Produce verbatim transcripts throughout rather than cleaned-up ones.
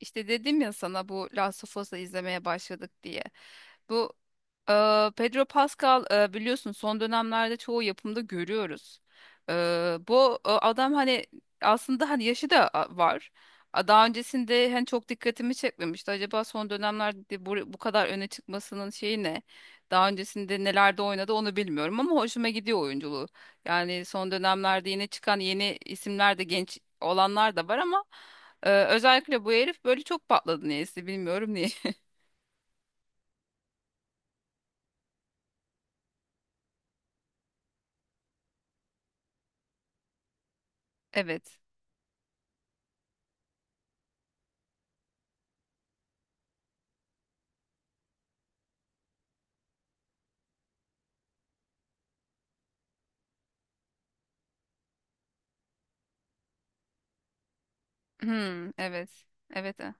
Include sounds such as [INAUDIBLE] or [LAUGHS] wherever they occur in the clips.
İşte dedim ya sana bu Last of Us'ı izlemeye başladık diye. Bu e, Pedro Pascal e, biliyorsun son dönemlerde çoğu yapımda görüyoruz. E, bu e, adam hani aslında hani yaşı da a- var. A, Daha öncesinde hani çok dikkatimi çekmemişti. Acaba son dönemlerde bu, bu kadar öne çıkmasının şeyi ne? Daha öncesinde nelerde oynadı onu bilmiyorum ama hoşuma gidiyor oyunculuğu. Yani son dönemlerde yine çıkan yeni isimler de genç olanlar da var ama e, özellikle bu herif böyle çok patladı niyeyse bilmiyorum niye. [LAUGHS] Evet. Hmm, evet. Evet. e.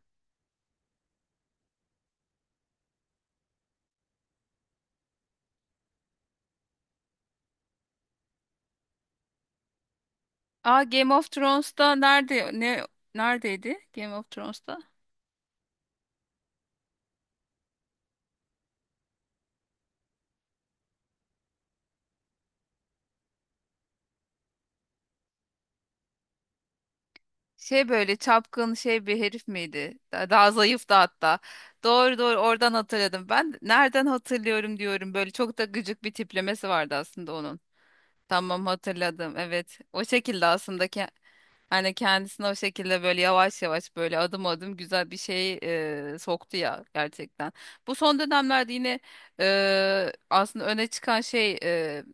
Aa, Game of Thrones'ta nerede ne neredeydi Game of Thrones'ta? Şey böyle çapkın şey bir herif miydi? Da- Daha zayıf da hatta. Doğru doğru oradan hatırladım. Ben nereden hatırlıyorum diyorum. Böyle çok da gıcık bir tiplemesi vardı aslında onun. Tamam, hatırladım. Evet. O şekilde aslında. Hani kendisine o şekilde böyle yavaş yavaş böyle adım adım güzel bir şey e, soktu ya gerçekten. Bu son dönemlerde yine e, aslında öne çıkan şey e,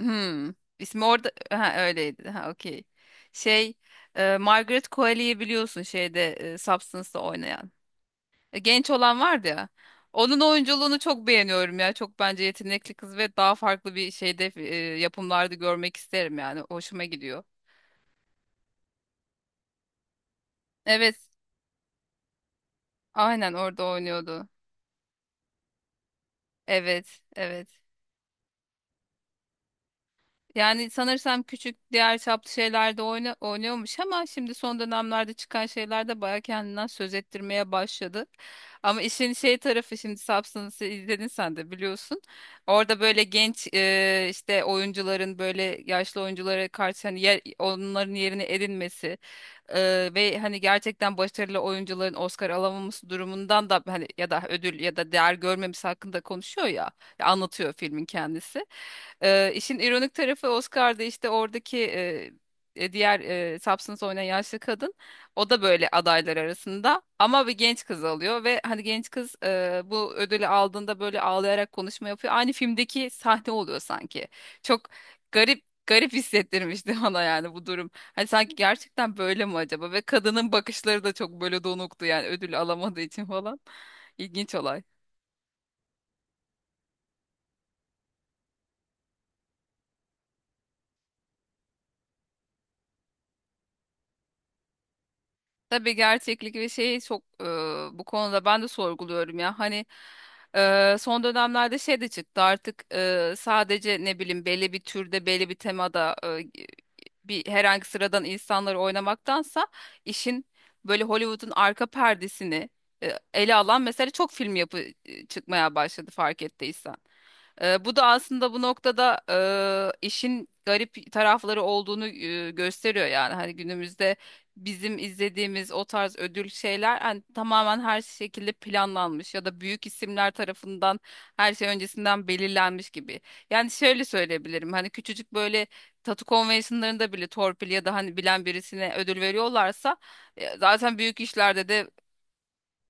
hmm, ismi orada, ha, öyleydi. Ha, okey. Şey e, Margaret Qualley'i biliyorsun şeyde e, Substance'da oynayan. E, genç olan vardı ya. Onun oyunculuğunu çok beğeniyorum ya. Çok bence yetenekli kız ve daha farklı bir şeyde e, yapımlarda görmek isterim yani. Hoşuma gidiyor. Evet, aynen orada oynuyordu. Evet, evet. Yani sanırsam küçük diğer çaplı şeylerde oyna, oynuyormuş ama şimdi son dönemlerde çıkan şeyler de baya kendinden söz ettirmeye başladı. Ama işin şey tarafı şimdi Substance'ı izledin sen de biliyorsun. Orada böyle genç e, işte oyuncuların böyle yaşlı oyunculara karşı hani yer- onların yerini edinmesi ee, ve hani gerçekten başarılı oyuncuların Oscar alamaması durumundan da hani ya da ödül ya da değer görmemesi hakkında konuşuyor ya, ya anlatıyor filmin kendisi. Ee, işin ironik tarafı Oscar'da işte oradaki e, e, diğer e, Substance oynayan yaşlı kadın o da böyle adaylar arasında ama bir genç kız alıyor ve hani genç kız e, bu ödülü aldığında böyle ağlayarak konuşma yapıyor. Aynı filmdeki sahne oluyor sanki. Çok garip garip hissettirmişti [LAUGHS] bana yani bu durum. Hani sanki gerçekten böyle mi acaba? Ve kadının bakışları da çok böyle donuktu yani ödül alamadığı için falan. İlginç olay. Tabii gerçeklik ve şeyi çok e, bu konuda ben de sorguluyorum ya. Hani e, son dönemlerde şey de çıktı artık, e, sadece ne bileyim belli bir türde belli bir temada, e, bir herhangi sıradan insanları oynamaktansa işin böyle Hollywood'un arka perdesini e, ele alan mesela çok film yapı e, çıkmaya başladı fark ettiysen. Ee, bu da aslında bu noktada e, işin garip tarafları olduğunu e, gösteriyor yani hani günümüzde bizim izlediğimiz o tarz ödül şeyler hani tamamen her şekilde planlanmış ya da büyük isimler tarafından her şey öncesinden belirlenmiş gibi. Yani şöyle söyleyebilirim hani küçücük böyle tatu konvensiyonlarında bile torpil ya da hani bilen birisine ödül veriyorlarsa, e, zaten büyük işlerde de.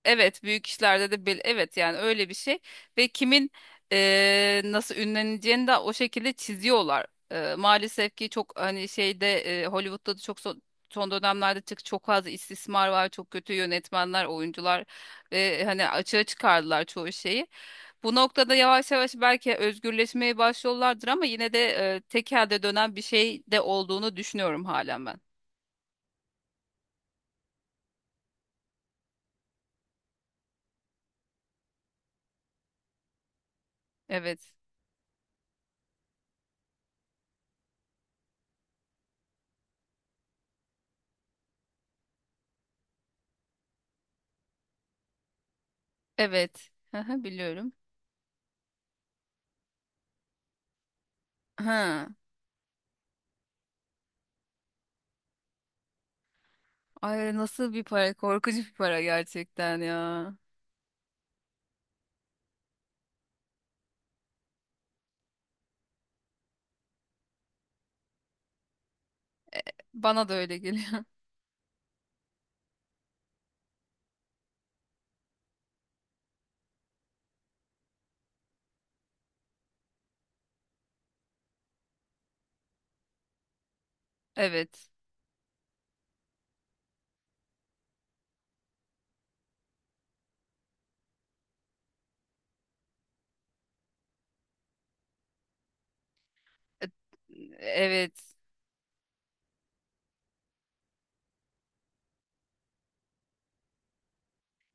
Evet, büyük işlerde de bel- evet, yani öyle bir şey ve kimin eee, nasıl ünleneceğini de o şekilde çiziyorlar. Eee, maalesef ki çok hani şeyde, eee, Hollywood'da da çok son, son dönemlerde çık çok fazla istismar var, çok kötü yönetmenler, oyuncular ve hani açığa çıkardılar çoğu şeyi. Bu noktada yavaş yavaş belki özgürleşmeye başlıyorlardır ama yine de eee, tek dönen bir şey de olduğunu düşünüyorum halen ben. Evet. Evet. Hı hı, biliyorum. Hı. Ay, nasıl bir para? Korkunç bir para gerçekten ya. Bana da öyle geliyor. [LAUGHS] Evet. E- Evet.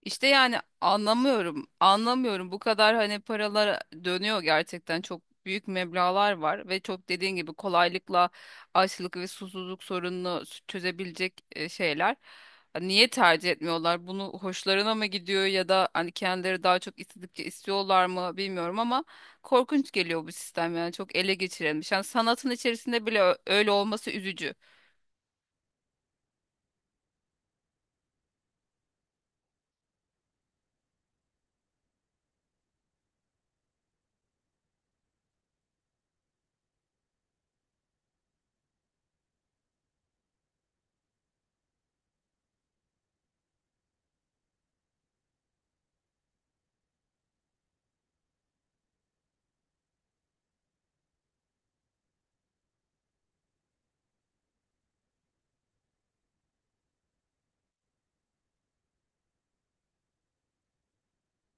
İşte yani anlamıyorum. Anlamıyorum. Bu kadar hani paralar dönüyor gerçekten. Çok büyük meblağlar var ve çok dediğin gibi kolaylıkla açlık ve susuzluk sorununu s- çözebilecek e, şeyler. Hani niye tercih etmiyorlar? Bunu hoşlarına mı gidiyor ya da hani kendileri daha çok istedikçe istiyorlar mı bilmiyorum ama korkunç geliyor bu sistem yani çok ele geçirilmiş. Yani sanatın içerisinde bile ö- öyle olması üzücü.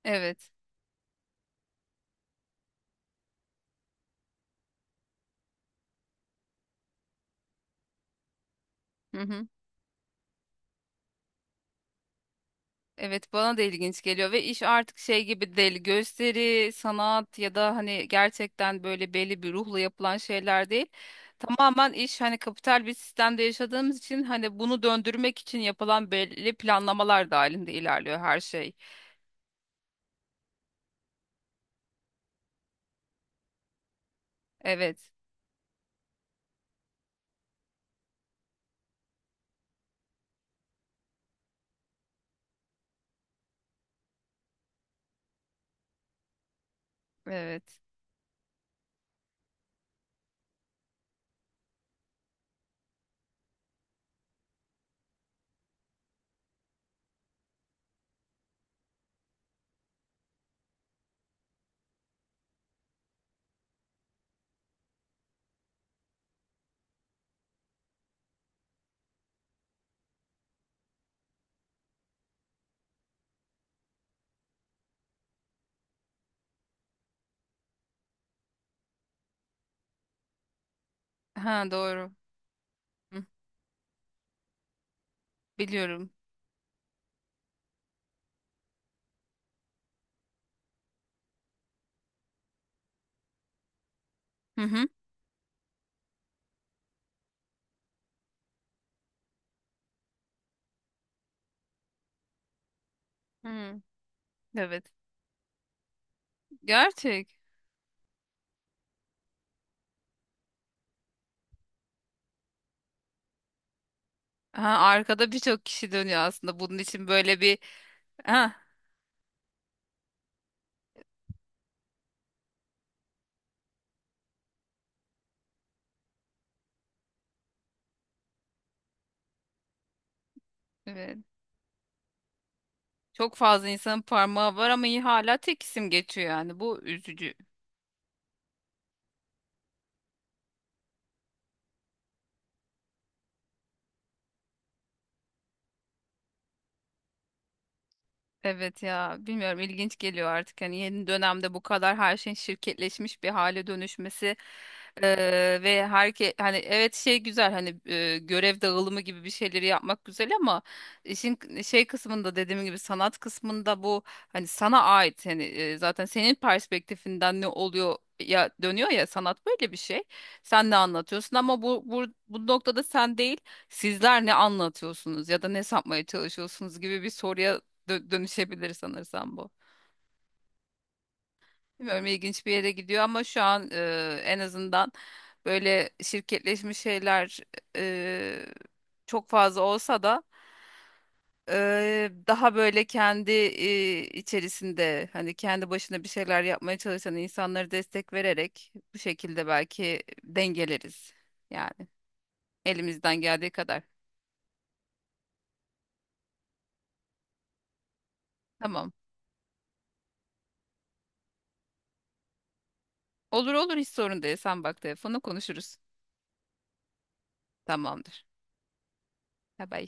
Evet. Evet, bana da ilginç geliyor ve iş artık şey gibi değil gösteri, sanat ya da hani gerçekten böyle belli bir ruhla yapılan şeyler değil. Tamamen iş hani kapital bir sistemde yaşadığımız için hani bunu döndürmek için yapılan belli planlamalar dahilinde ilerliyor her şey. Evet. Evet. Ha, doğru. Hı, biliyorum. Hı hı. Hı, evet. Gerçek. Ha, arkada birçok kişi dönüyor aslında bunun için böyle bir, ha, evet. Çok fazla insanın parmağı var ama iyi hala tek isim geçiyor yani. Bu üzücü. Evet ya, bilmiyorum, ilginç geliyor artık hani yeni dönemde bu kadar her şeyin şirketleşmiş bir hale dönüşmesi, eee, ve herke hani, evet, şey güzel, hani eee, görev dağılımı gibi bir şeyleri yapmak güzel ama işin k- şey kısmında dediğim gibi sanat kısmında bu hani sana ait, hani eee, zaten senin perspektifinden ne oluyor ya dönüyor ya, sanat böyle bir şey, sen ne anlatıyorsun ama bu bu, bu noktada sen değil sizler ne anlatıyorsunuz ya da ne satmaya çalışıyorsunuz gibi bir soruya dö- dönüşebilir sanırsam bu. Bilmiyorum, ilginç bir yere gidiyor ama şu an e, en azından böyle şirketleşmiş şeyler e, çok fazla olsa da e, daha böyle kendi e, içerisinde hani kendi başına bir şeyler yapmaya çalışan insanları destek vererek bu şekilde belki dengeleriz. Yani elimizden geldiği kadar. Tamam. Olur olur, hiç sorun değil. Sen bak telefonu konuşuruz. Tamamdır. Bye bye.